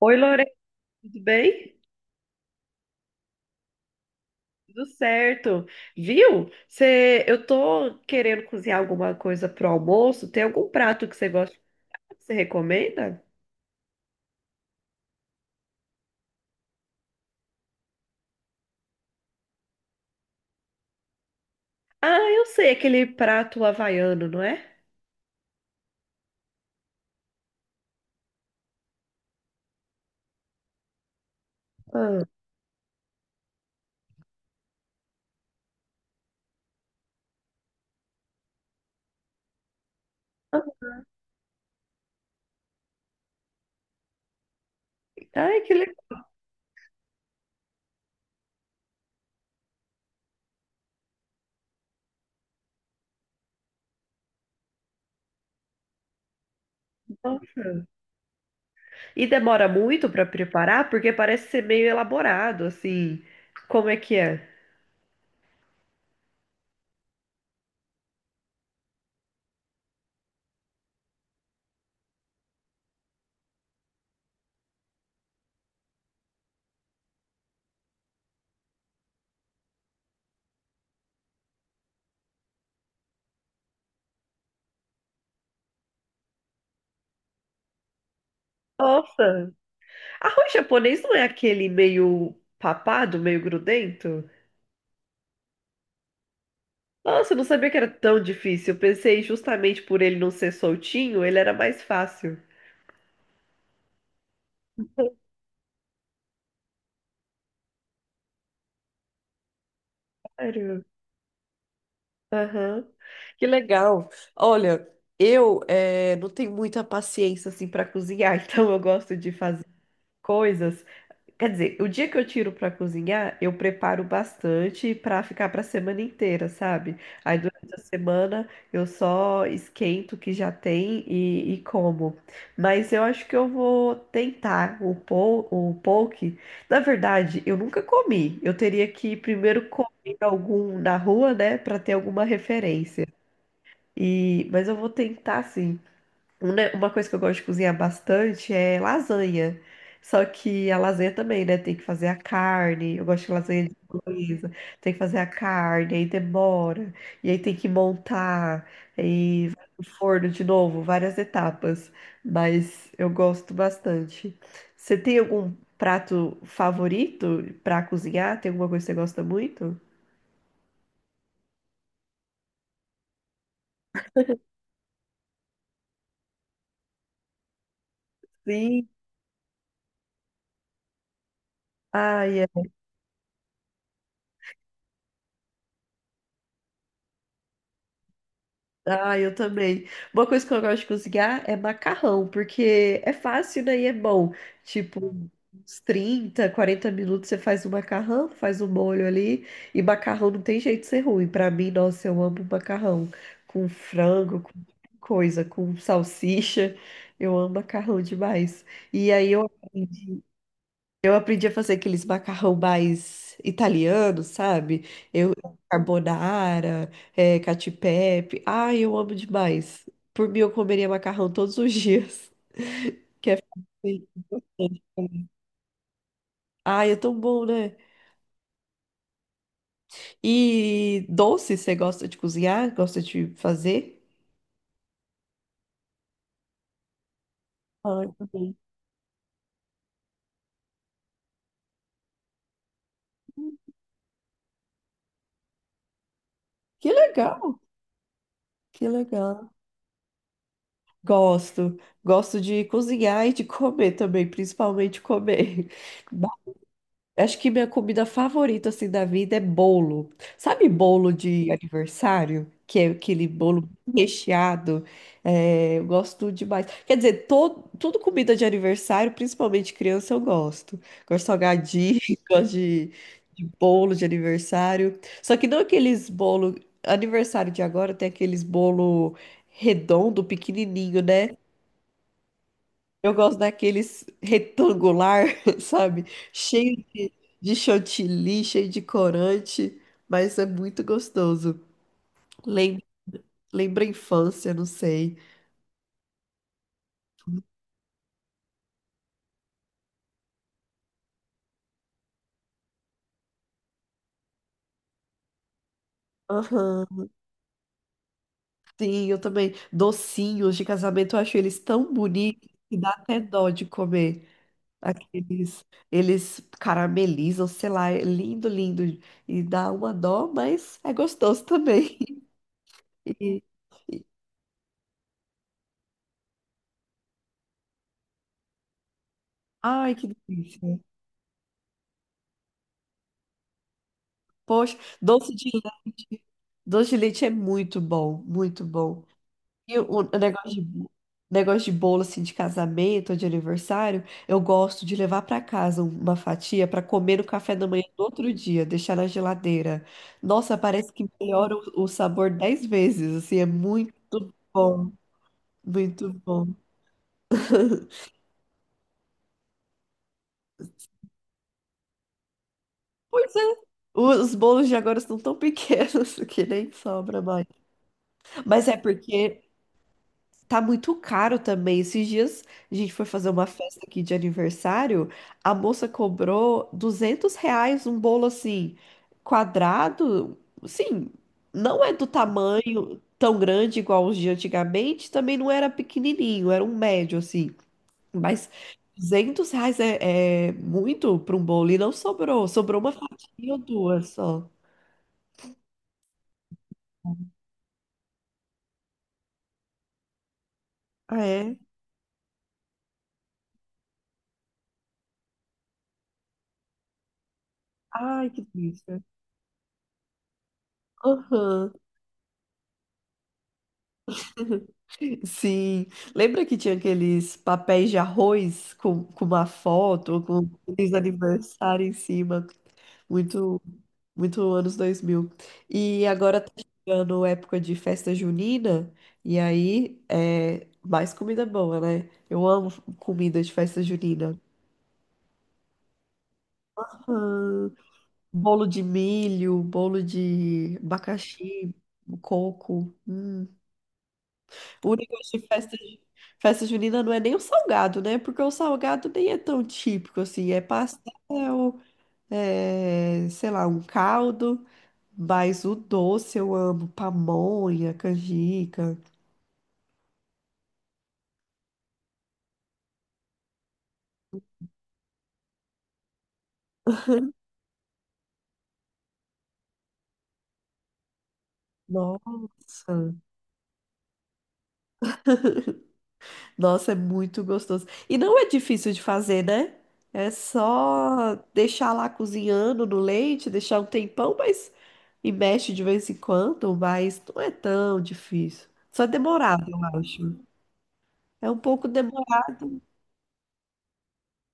Oi, Lorena, tudo bem? Tudo certo. Viu? Eu tô querendo cozinhar alguma coisa pro almoço. Tem algum prato que você gosta? Que você recomenda? Ah, eu sei, aquele prato havaiano, não é? Ah, ah, ai, que legal. E demora muito pra preparar, porque parece ser meio elaborado, assim. Como é que é? Nossa, arroz japonês não é aquele meio papado, meio grudento? Nossa, eu não sabia que era tão difícil. Eu pensei justamente por ele não ser soltinho, ele era mais fácil. Sério? Aham. Que legal. Olha, eu não tenho muita paciência assim para cozinhar, então eu gosto de fazer coisas. Quer dizer, o dia que eu tiro pra cozinhar, eu preparo bastante pra ficar pra semana inteira, sabe? Aí durante a semana eu só esquento o que já tem e como. Mas eu acho que eu vou tentar o poke. Na verdade, eu nunca comi. Eu teria que primeiro comer algum na rua, né, pra ter alguma referência. Mas eu vou tentar sim. Uma coisa que eu gosto de cozinhar bastante é lasanha. Só que a lasanha também, né? Tem que fazer a carne. Eu gosto de lasanha de bolonhesa. Tem que fazer a carne, aí demora. E aí tem que montar. Aí vai pro forno de novo, várias etapas. Mas eu gosto bastante. Você tem algum prato favorito pra cozinhar? Tem alguma coisa que você gosta muito? Sim. Ai, ah, eu também. Uma coisa que eu gosto de cozinhar é macarrão, porque é fácil, né? E é bom. Tipo, uns 30, 40 minutos você faz o macarrão, faz o molho ali. E macarrão não tem jeito de ser ruim. Pra mim, nossa, eu amo macarrão. Com frango, com coisa, com salsicha. Eu amo macarrão demais. E aí eu aprendi. Eu aprendi a fazer aqueles macarrão mais italianos, sabe? Eu carbonara, é, cacio e pepe. Ai, eu amo demais. Por mim, eu comeria macarrão todos os dias. Que é... fácil. Ai, é tão bom, né? E doce, você gosta de cozinhar? Gosta de fazer? Ai, também. Que legal, que legal. Gosto, gosto de cozinhar e de comer também, principalmente comer. Acho que minha comida favorita assim da vida é bolo. Sabe bolo de aniversário? Que é aquele bolo recheado. É, eu gosto demais. Quer dizer, todo, tudo comida de aniversário, principalmente criança, eu gosto. Gosto de salgadinho, gosto de bolo de aniversário. Só que não aqueles bolo. Aniversário de agora tem aqueles bolo redondo, pequenininho, né? Eu gosto daqueles retangular, sabe? Cheio de chantilly, cheio de corante, mas é muito gostoso. Lembra, lembra a infância, não sei. Aham, sim, eu também. Docinhos de casamento, eu acho eles tão bonitos que dá até dó de comer. Aqueles, eles caramelizam, sei lá, é lindo, lindo. E dá uma dó, mas é gostoso também. E- e- ai, que delícia. Poxa, doce de leite. Doce de leite é muito bom, muito bom. E o negócio de bolo assim de casamento ou de aniversário, eu gosto de levar para casa uma fatia para comer no café da manhã do outro dia, deixar na geladeira. Nossa, parece que melhora o sabor 10 vezes, assim, é muito bom, muito bom. Pois é. Os bolos de agora estão tão pequenos que nem sobra mais. Mas é porque tá muito caro também. Esses dias a gente foi fazer uma festa aqui de aniversário. A moça cobrou R$ 200 um bolo assim, quadrado. Sim, não é do tamanho tão grande igual os de antigamente. Também não era pequenininho, era um médio assim. Mas R$ 200 é, é muito para um bolo. E não sobrou. Sobrou uma fatia ou duas só. Ah, é? Ai, que delícia. Aham. Sim, lembra que tinha aqueles papéis de arroz com uma foto, com feliz aniversário em cima? Muito, muito anos 2000. E agora tá chegando a época de festa junina, e aí é mais comida boa, né? Eu amo comida de festa junina. Ah, bolo de milho, bolo de abacaxi, coco. Hum. O negócio de festa, festa junina não é nem o salgado, né? Porque o salgado nem é tão típico assim. É pastel, é, sei lá, um caldo. Mas o doce eu amo. Pamonha, canjica. Nossa. Nossa, é muito gostoso. E não é difícil de fazer, né? É só deixar lá cozinhando no leite, deixar um tempão, mas e mexe de vez em quando, mas não é tão difícil. Só é demorado, eu acho. É um pouco de-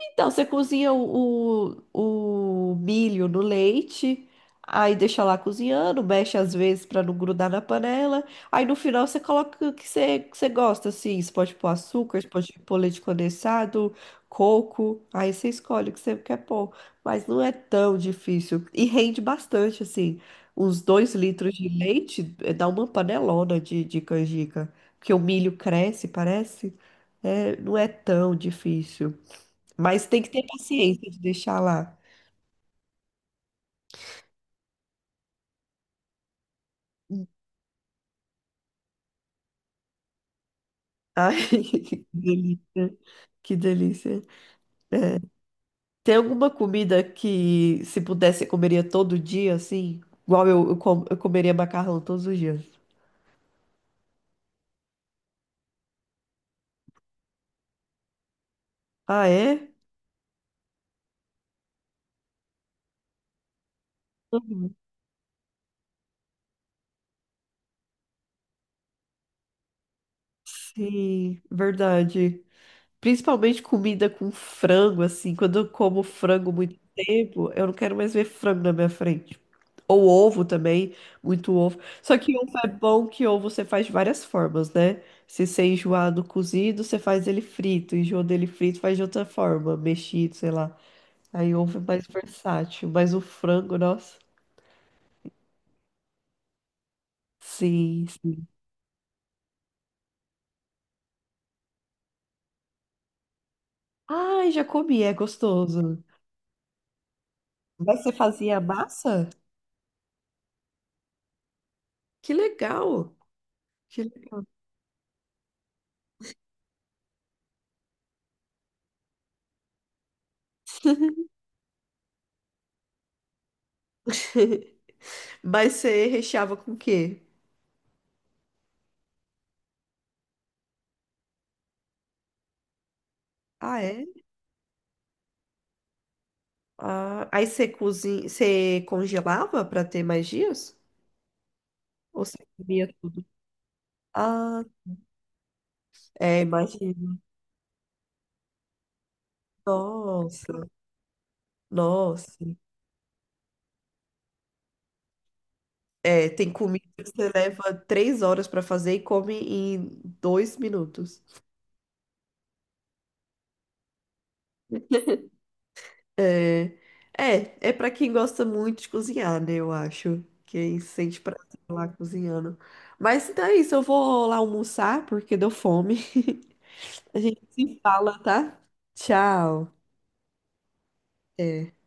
então, você cozinha o milho no leite, aí deixa lá cozinhando, mexe às vezes para não grudar na panela. Aí no final você coloca o que que você gosta, assim. Você pode pôr açúcar, você pode pôr leite condensado, coco. Aí você escolhe o que você quer pôr. Mas não é tão difícil. E rende bastante, assim. Uns 2 litros de leite dá uma panelona de canjica. Porque o milho cresce, parece. É, não é tão difícil. Mas tem que ter paciência de deixar lá. Ai, que delícia. Que delícia. Tem alguma comida que, se pudesse, eu comeria todo dia, assim? Igual eu comeria macarrão todos os dias. Ah, é? Uhum. Sim, verdade. Principalmente comida com frango, assim. Quando eu como frango muito tempo, eu não quero mais ver frango na minha frente. Ou ovo também, muito ovo. Só que ovo é bom que ovo você faz de várias formas, né? Se você enjoar do cozido, você faz ele frito. Enjoa dele frito, faz de outra forma, mexido, sei lá. Aí ovo é mais versátil. Mas o frango, nossa. Sim, sim. Ai, já comi, é gostoso. Mas você fazia massa? Que legal! Que... Mas você recheava com o quê? Ah, é? Ah, aí você cozinha, você congelava para ter mais dias? Ou você comia tudo? Ah, é, imagina. Nossa, nossa. É, tem comida que você leva 3 horas para fazer e come em 2 minutos. É, é para quem gosta muito de cozinhar, né? Eu acho. Quem sente prazer lá cozinhando. Mas então é isso, eu vou lá almoçar porque deu fome. A gente se fala, tá? Tchau. É.